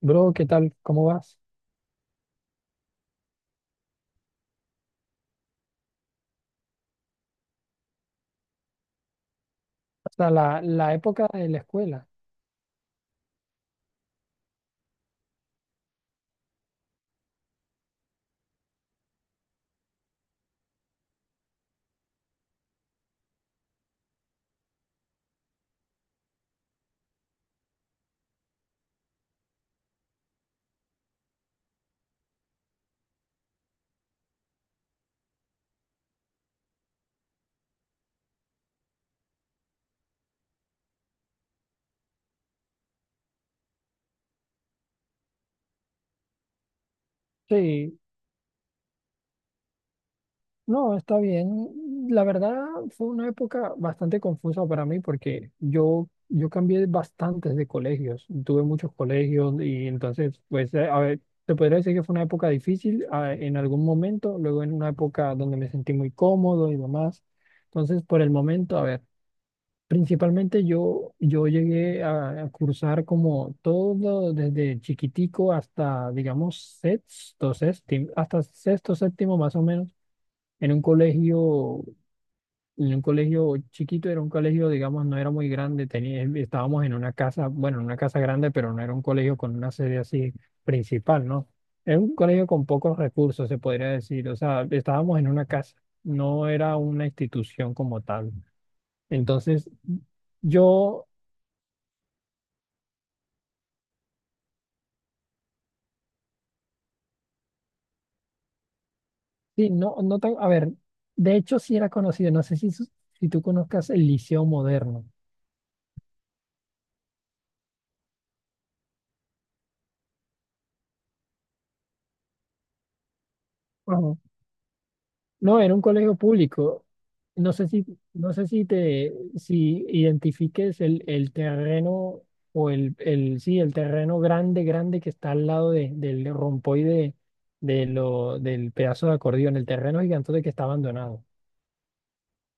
Bro, ¿qué tal? ¿Cómo vas? O sea, la época de la escuela. Sí, no, está bien. La verdad fue una época bastante confusa para mí porque yo cambié bastantes de colegios. Tuve muchos colegios y entonces, pues, a ver, te podría decir que fue una época difícil en algún momento, luego en una época donde me sentí muy cómodo y demás. Entonces, por el momento, a ver. Principalmente yo llegué a cursar como todo desde chiquitico hasta, digamos, sexto, séptimo, hasta sexto, séptimo más o menos, en un colegio, en un colegio chiquito, era un colegio, digamos, no era muy grande, tenía, estábamos en una casa, bueno, en una casa grande, pero no era un colegio con una sede así principal, ¿no? Era un colegio con pocos recursos, se podría decir, o sea, estábamos en una casa, no era una institución como tal. Entonces. Yo Sí, no, no tan, a ver, de hecho sí era conocido, no sé si, si tú conozcas el Liceo Moderno. Ajá. No, era un colegio público. No sé si, no sé si te, si identifiques el terreno o sí, el terreno grande, grande que está al lado del rompoide del pedazo de acordeón, el terreno gigante que está abandonado.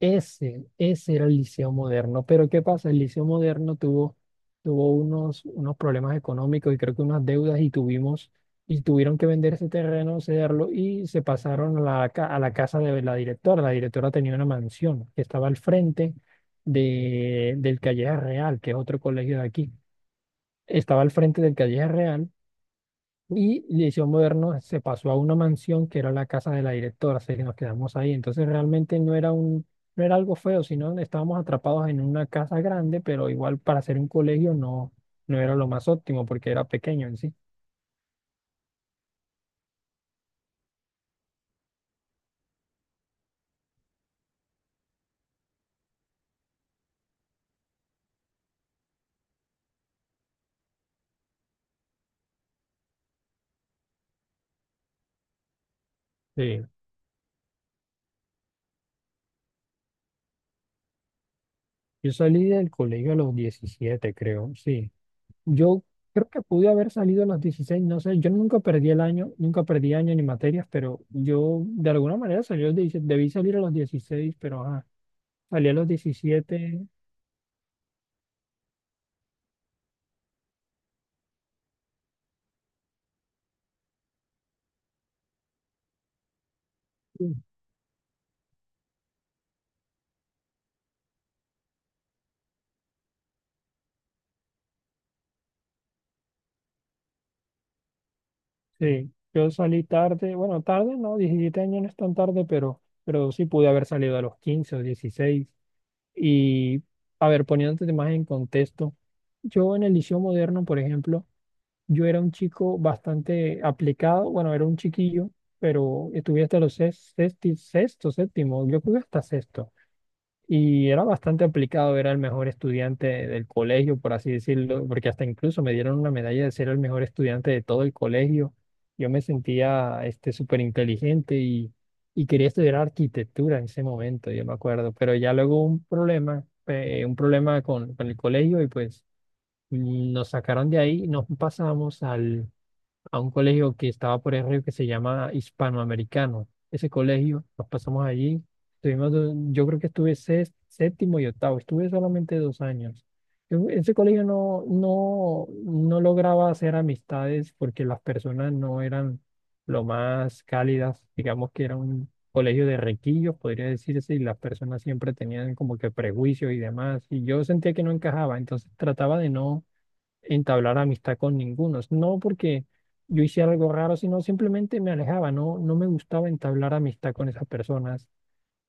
Ese era el Liceo Moderno. Pero ¿qué pasa? El Liceo Moderno tuvo unos problemas económicos y creo que unas deudas y y tuvieron que vender ese terreno, cederlo y se pasaron a a la casa de la directora. La directora tenía una mansión que estaba al frente del Calleja Real, que es otro colegio de aquí. Estaba al frente del Calleja Real y Liceo Moderno se pasó a una mansión que era la casa de la directora, así que nos quedamos ahí. Entonces realmente no era algo feo, sino estábamos atrapados en una casa grande, pero igual para ser un colegio no era lo más óptimo porque era pequeño en sí. Sí. Yo salí del colegio a los 17 creo, sí. Yo creo que pude haber salido a los 16 no sé, yo nunca perdí el año, nunca perdí año ni materias, pero yo de alguna manera salí a los 16, debí salir a los 16 pero ajá, salí a los 17. Sí, yo salí tarde, bueno, tarde, no, 17 años no es tan tarde, pero sí pude haber salido a los 15 o 16. Y, a ver, poniéndote más en contexto, yo en el Liceo Moderno, por ejemplo, yo era un chico bastante aplicado, bueno, era un chiquillo, pero estuve hasta los sexto, séptimo, yo creo que hasta sexto. Y era bastante aplicado, era el mejor estudiante del colegio, por así decirlo, porque hasta incluso me dieron una medalla de ser el mejor estudiante de todo el colegio. Yo me sentía súper inteligente y quería estudiar arquitectura en ese momento, yo me acuerdo, pero ya luego un problema con el colegio y pues nos sacaron de ahí, nos pasamos al a un colegio que estaba por el río que se llama Hispanoamericano. Ese colegio, nos pasamos allí, yo creo que estuve séptimo y octavo, estuve solamente 2 años. Ese colegio no lograba hacer amistades porque las personas no eran lo más cálidas, digamos que era un colegio de requillos, podría decirse, y las personas siempre tenían como que prejuicios y demás, y yo sentía que no encajaba, entonces trataba de no entablar amistad con ninguno. No porque yo hiciera algo raro, sino simplemente me alejaba, no me gustaba entablar amistad con esas personas.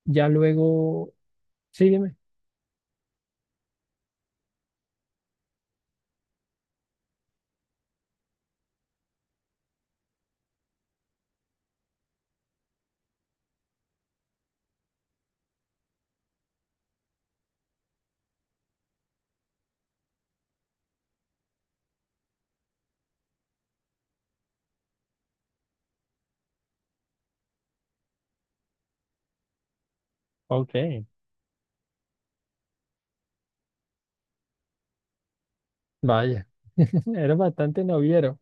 Ya luego, sígueme. Ok. Vaya, eres bastante noviero.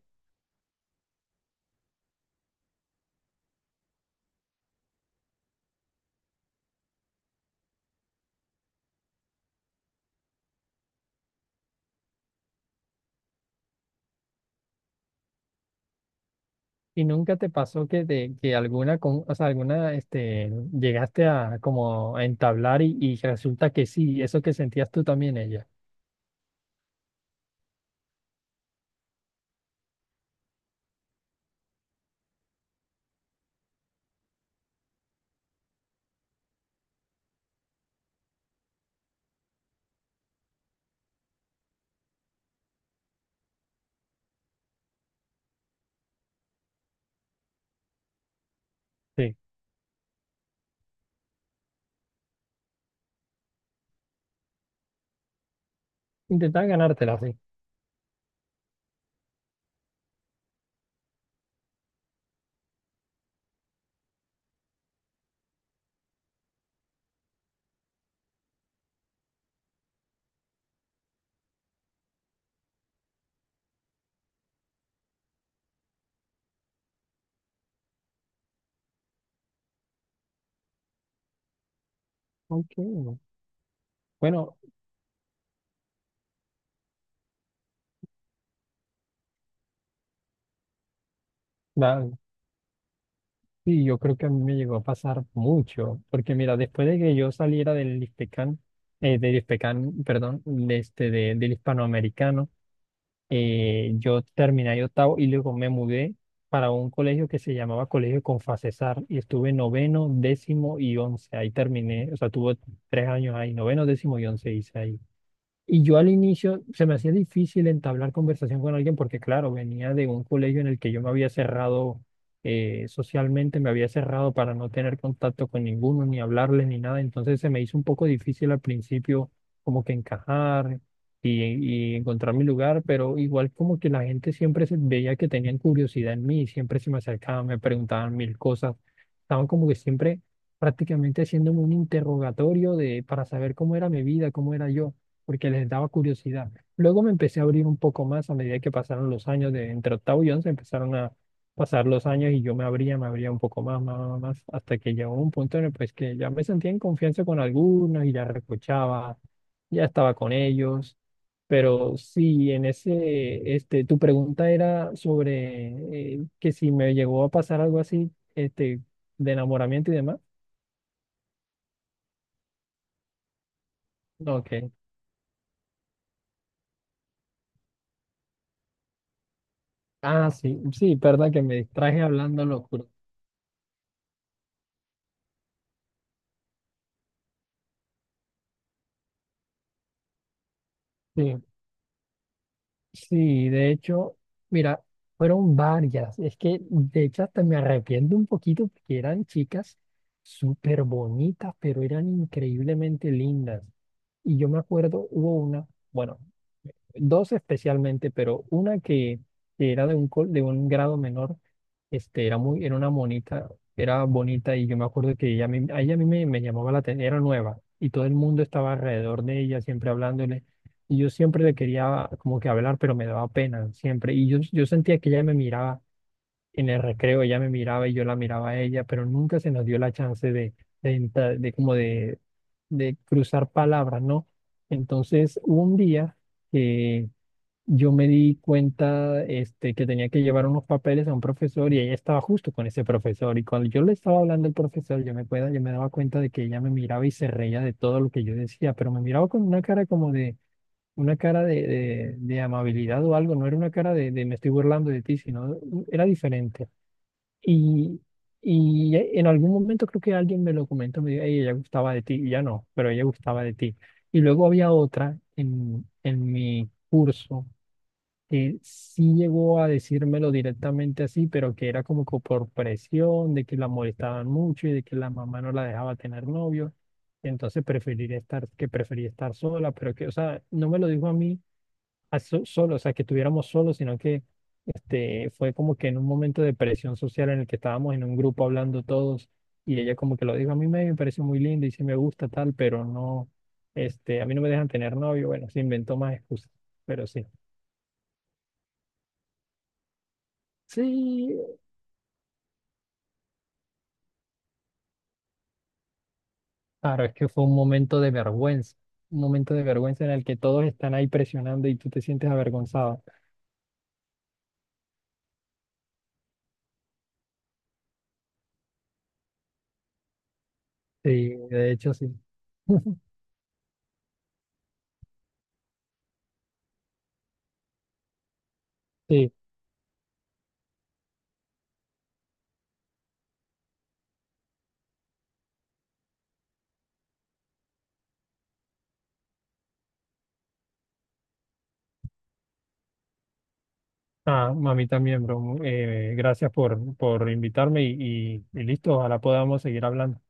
¿Y nunca te pasó que, que alguna, o sea, alguna, llegaste a como a entablar y resulta que sí, eso que sentías tú también ella? Sí. Intentaba ganártela, sí. Ok. Bueno, va. Sí, yo creo que a mí me llegó a pasar mucho, porque mira, después de que yo saliera del Hispecan, perdón, de del hispanoamericano, yo terminé ahí octavo y luego me mudé para un colegio que se llamaba Colegio Confacesar y estuve noveno, décimo y once, ahí terminé, o sea, tuve 3 años ahí, noveno, décimo y once hice ahí. Y yo al inicio se me hacía difícil entablar conversación con alguien porque, claro, venía de un colegio en el que yo me había cerrado, socialmente, me había cerrado para no tener contacto con ninguno, ni hablarles, ni nada. Entonces se me hizo un poco difícil al principio como que encajar y encontrar mi lugar, pero igual como que la gente siempre se veía que tenían curiosidad en mí, siempre se me acercaban, me preguntaban mil cosas. Estaban como que siempre prácticamente haciéndome un interrogatorio de, para saber cómo era mi vida, cómo era yo porque les daba curiosidad. Luego me empecé a abrir un poco más a medida que pasaron los años, de entre octavo y once empezaron a pasar los años y yo me abría un poco más, más, más, más, hasta que llegó un punto en el pues, que ya me sentía en confianza con algunos y ya recochaba, ya estaba con ellos. Pero sí, tu pregunta era sobre que si me llegó a pasar algo así, de enamoramiento y demás. Ok. Ah, sí, sí, perdón que me distraje hablando locura. Sí. Sí, de hecho, mira, fueron varias. Es que de hecho hasta me arrepiento un poquito porque eran chicas súper bonitas, pero eran increíblemente lindas. Y yo me acuerdo, hubo una, bueno, dos especialmente, pero una que era de de un grado menor, era una monita, era bonita y yo me acuerdo que ella, a ella a mí me llamaba la atención, era nueva y todo el mundo estaba alrededor de ella, siempre hablándole y yo siempre le quería como que hablar, pero me daba pena siempre y yo sentía que ella me miraba en el recreo, ella me miraba y yo la miraba a ella, pero nunca se nos dio la chance de, entra- de como de cruzar palabras, ¿no? Entonces, hubo un día que yo me di cuenta, que tenía que llevar unos papeles a un profesor y ella estaba justo con ese profesor. Y cuando yo le estaba hablando al profesor, yo me daba cuenta de que ella me miraba y se reía de todo lo que yo decía, pero me miraba con una cara de amabilidad o algo, no era una cara de me estoy burlando de ti, sino era diferente. Y, y en algún momento creo que alguien me lo comentó, me dijo, "Ey, ella gustaba de ti, y ya no, pero ella gustaba de ti." Y luego había otra en mi curso que sí llegó a decírmelo directamente así, pero que era como que por presión, de que la molestaban mucho y de que la mamá no la dejaba tener novio. Entonces que prefería estar sola, pero que, o sea, no me lo dijo a mí solo, o sea, que estuviéramos solos, sino que, fue como que en un momento de presión social en el que estábamos en un grupo hablando todos y ella como que lo dijo, a mí me parece muy lindo y sí me gusta tal, pero no, a mí no me dejan tener novio, bueno, se inventó más excusas, pero sí. Sí, claro, es que fue un momento de vergüenza, un momento de vergüenza en el que todos están ahí presionando y tú te sientes avergonzado. Sí, de hecho, sí. Sí, ah, a mí también, bro. Gracias por invitarme y listo, ojalá podamos seguir hablando.